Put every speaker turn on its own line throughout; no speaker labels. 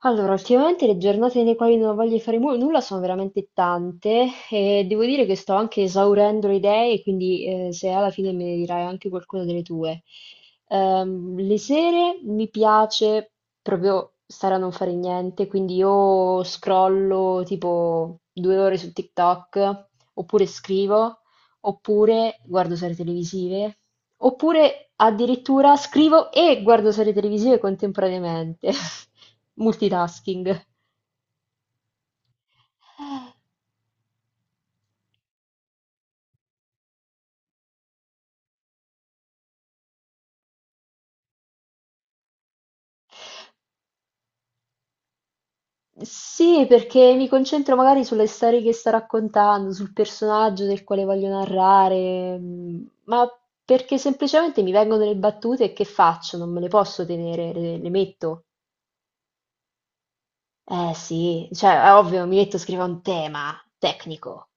Allora, ultimamente le giornate nei quali non voglio fare nulla sono veramente tante e devo dire che sto anche esaurendo le idee, quindi se alla fine me ne dirai anche qualcuna delle tue. Le sere mi piace proprio stare a non fare niente, quindi io scrollo tipo 2 ore su TikTok oppure scrivo, oppure guardo serie televisive, oppure addirittura scrivo e guardo serie televisive contemporaneamente. Multitasking. Sì, perché mi concentro magari sulle storie che sto raccontando, sul personaggio del quale voglio narrare, mm, ma perché semplicemente mi vengono le battute e che faccio? Non me le posso tenere, le metto. Eh sì, cioè è ovvio, mi metto a scrivere un tema tecnico.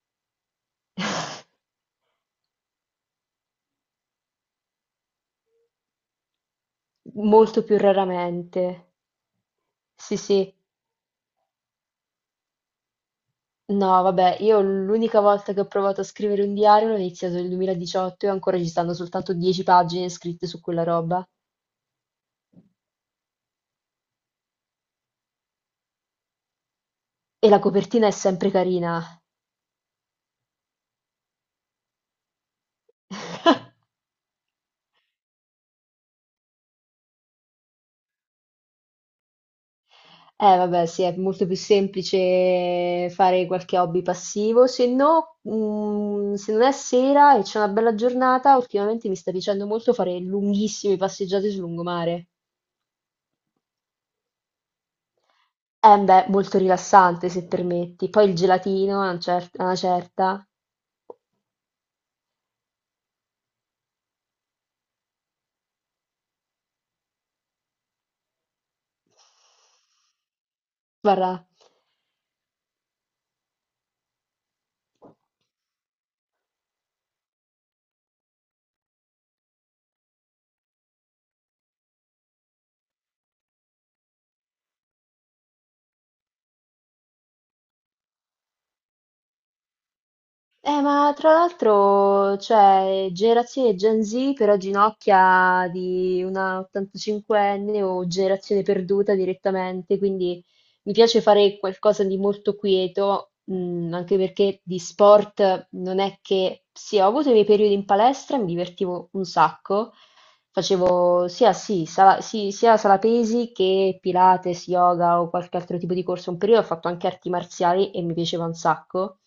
Molto più raramente. Sì, sì. No, vabbè, io l'unica volta che ho provato a scrivere un diario l'ho iniziato nel 2018 e ancora ci stanno soltanto 10 pagine scritte su quella roba. E la copertina è sempre carina. Vabbè, sì, è molto più semplice fare qualche hobby passivo. Se no, mm, se non è sera e c'è una bella giornata, ultimamente mi sta piacendo molto fare lunghissime passeggiate sul lungomare. Beh, molto rilassante, se permetti. Poi il gelatino, a una certa. Guarda, ma tra l'altro, cioè, generazione Gen Z però ginocchia di una 85enne o generazione perduta direttamente, quindi mi piace fare qualcosa di molto quieto, mm, anche perché di sport non è che... Sì, ho avuto i miei periodi in palestra, mi divertivo un sacco, facevo sala, sia sala pesi che Pilates, yoga o qualche altro tipo di corso, un periodo ho fatto anche arti marziali e mi piaceva un sacco.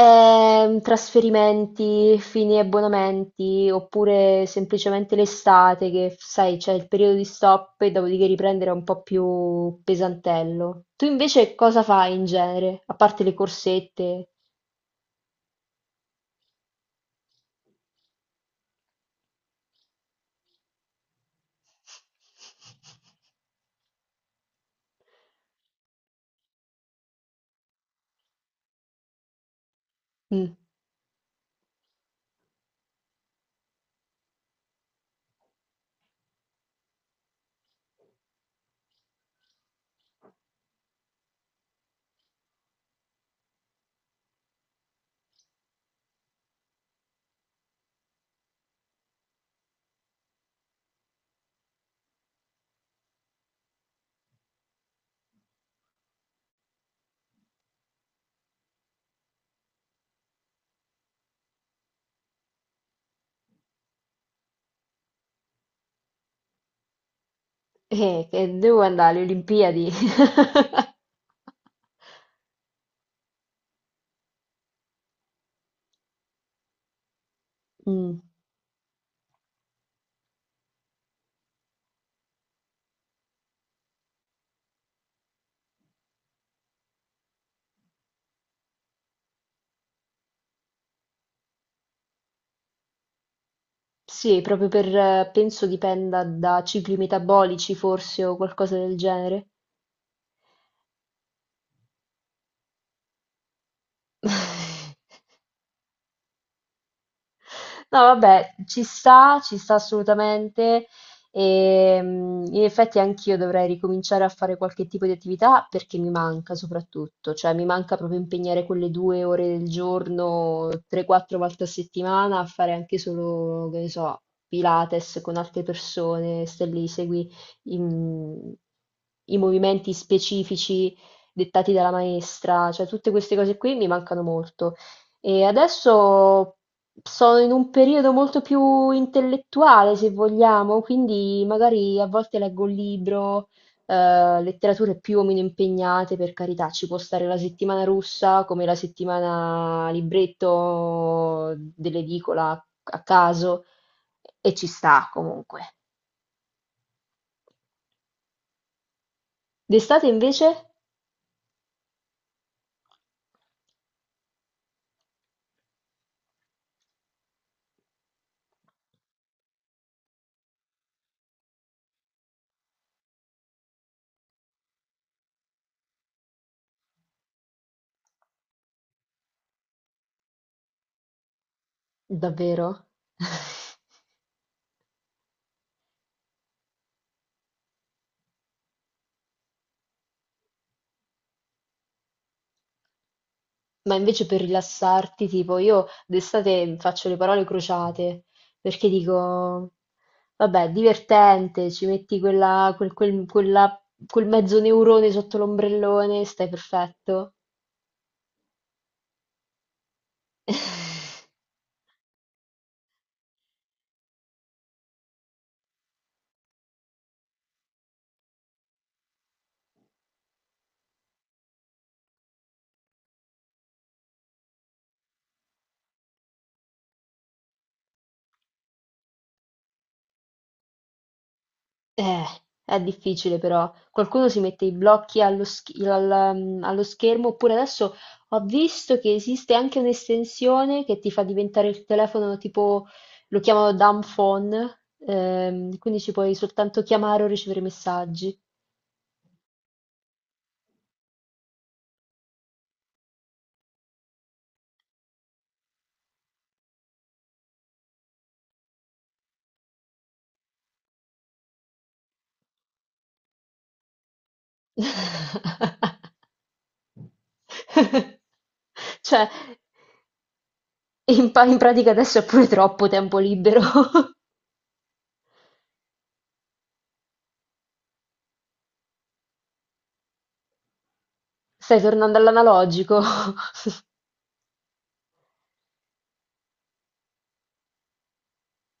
Trasferimenti, fini e abbonamenti, oppure semplicemente l'estate che, sai, c'è il periodo di stop e dopodiché riprendere è un po' più pesantello. Tu invece cosa fai in genere, a parte le corsette? Mm. Che devo andare alle Olimpiadi. Mm. Sì, proprio per, penso dipenda da cicli metabolici forse o qualcosa del genere. No, vabbè, ci sta assolutamente. E, mm, in effetti anch'io dovrei ricominciare a fare qualche tipo di attività perché mi manca soprattutto, cioè mi manca proprio impegnare quelle 2 ore del giorno, 3-4 volte a settimana a fare anche solo, che ne so, Pilates con altre persone, stai lì, segui i i movimenti specifici dettati dalla maestra, cioè tutte queste cose qui mi mancano molto. E adesso sono in un periodo molto più intellettuale, se vogliamo, quindi magari a volte leggo un libro, letterature più o meno impegnate, per carità, ci può stare la settimana russa come la settimana libretto dell'edicola a caso, e ci sta comunque. D'estate invece? Davvero? Ma invece per rilassarti, tipo, io d'estate faccio le parole crociate, perché dico, vabbè, divertente, ci metti quel mezzo neurone sotto l'ombrellone, stai perfetto. Eh, è difficile però. Qualcuno si mette i blocchi allo, allo schermo, oppure adesso ho visto che esiste anche un'estensione che ti fa diventare il telefono tipo, lo chiamano dumb phone, quindi ci puoi soltanto chiamare o ricevere messaggi. Cioè, in pratica adesso è pure troppo tempo libero. Stai tornando all'analogico.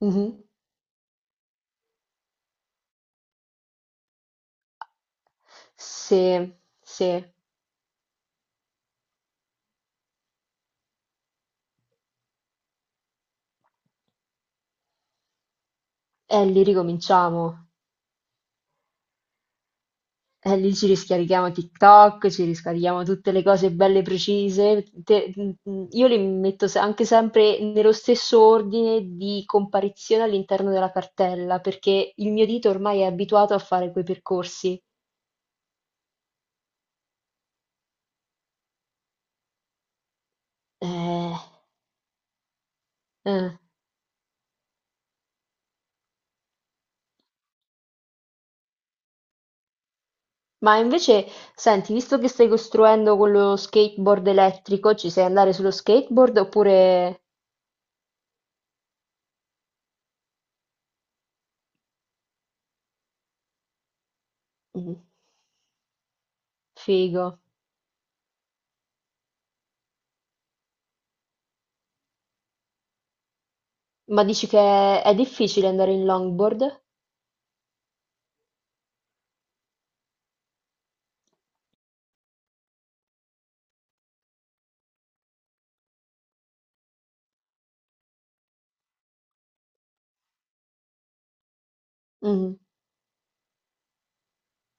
Mhm. Sì, sì. E lì ricominciamo. E lì ci riscarichiamo TikTok, ci riscarichiamo tutte le cose belle precise. Io le metto anche sempre nello stesso ordine di comparizione all'interno della cartella, perché il mio dito ormai è abituato a fare quei percorsi. Eh, eh. Ma invece, senti, visto che stai costruendo quello skateboard elettrico, ci sai andare sullo skateboard oppure... Mm. Figo. Ma dici che è difficile andare in longboard? Mm.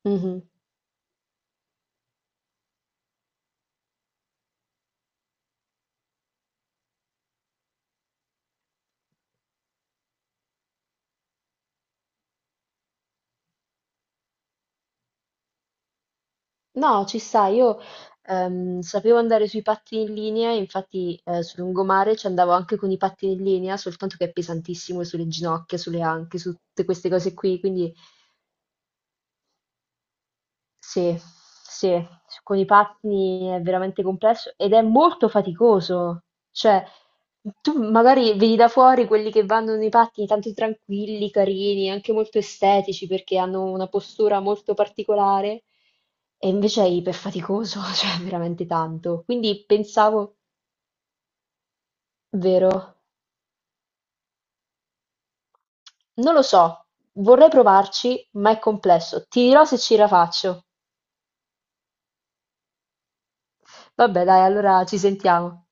Mh-mh. No, ci sta. Io, sapevo andare sui pattini in linea, infatti, sul lungomare ci andavo anche con i pattini in linea, soltanto che è pesantissimo sulle ginocchia, sulle anche, su tutte queste cose qui, quindi sì, sì, con i pattini è veramente complesso ed è molto faticoso. Cioè, tu magari vedi da fuori quelli che vanno nei pattini tanto tranquilli, carini, anche molto estetici perché hanno una postura molto particolare e invece è iperfaticoso, cioè veramente tanto. Quindi pensavo, vero, non lo so, vorrei provarci, ma è complesso. Ti dirò se ce la faccio. Vabbè, dai, allora ci sentiamo.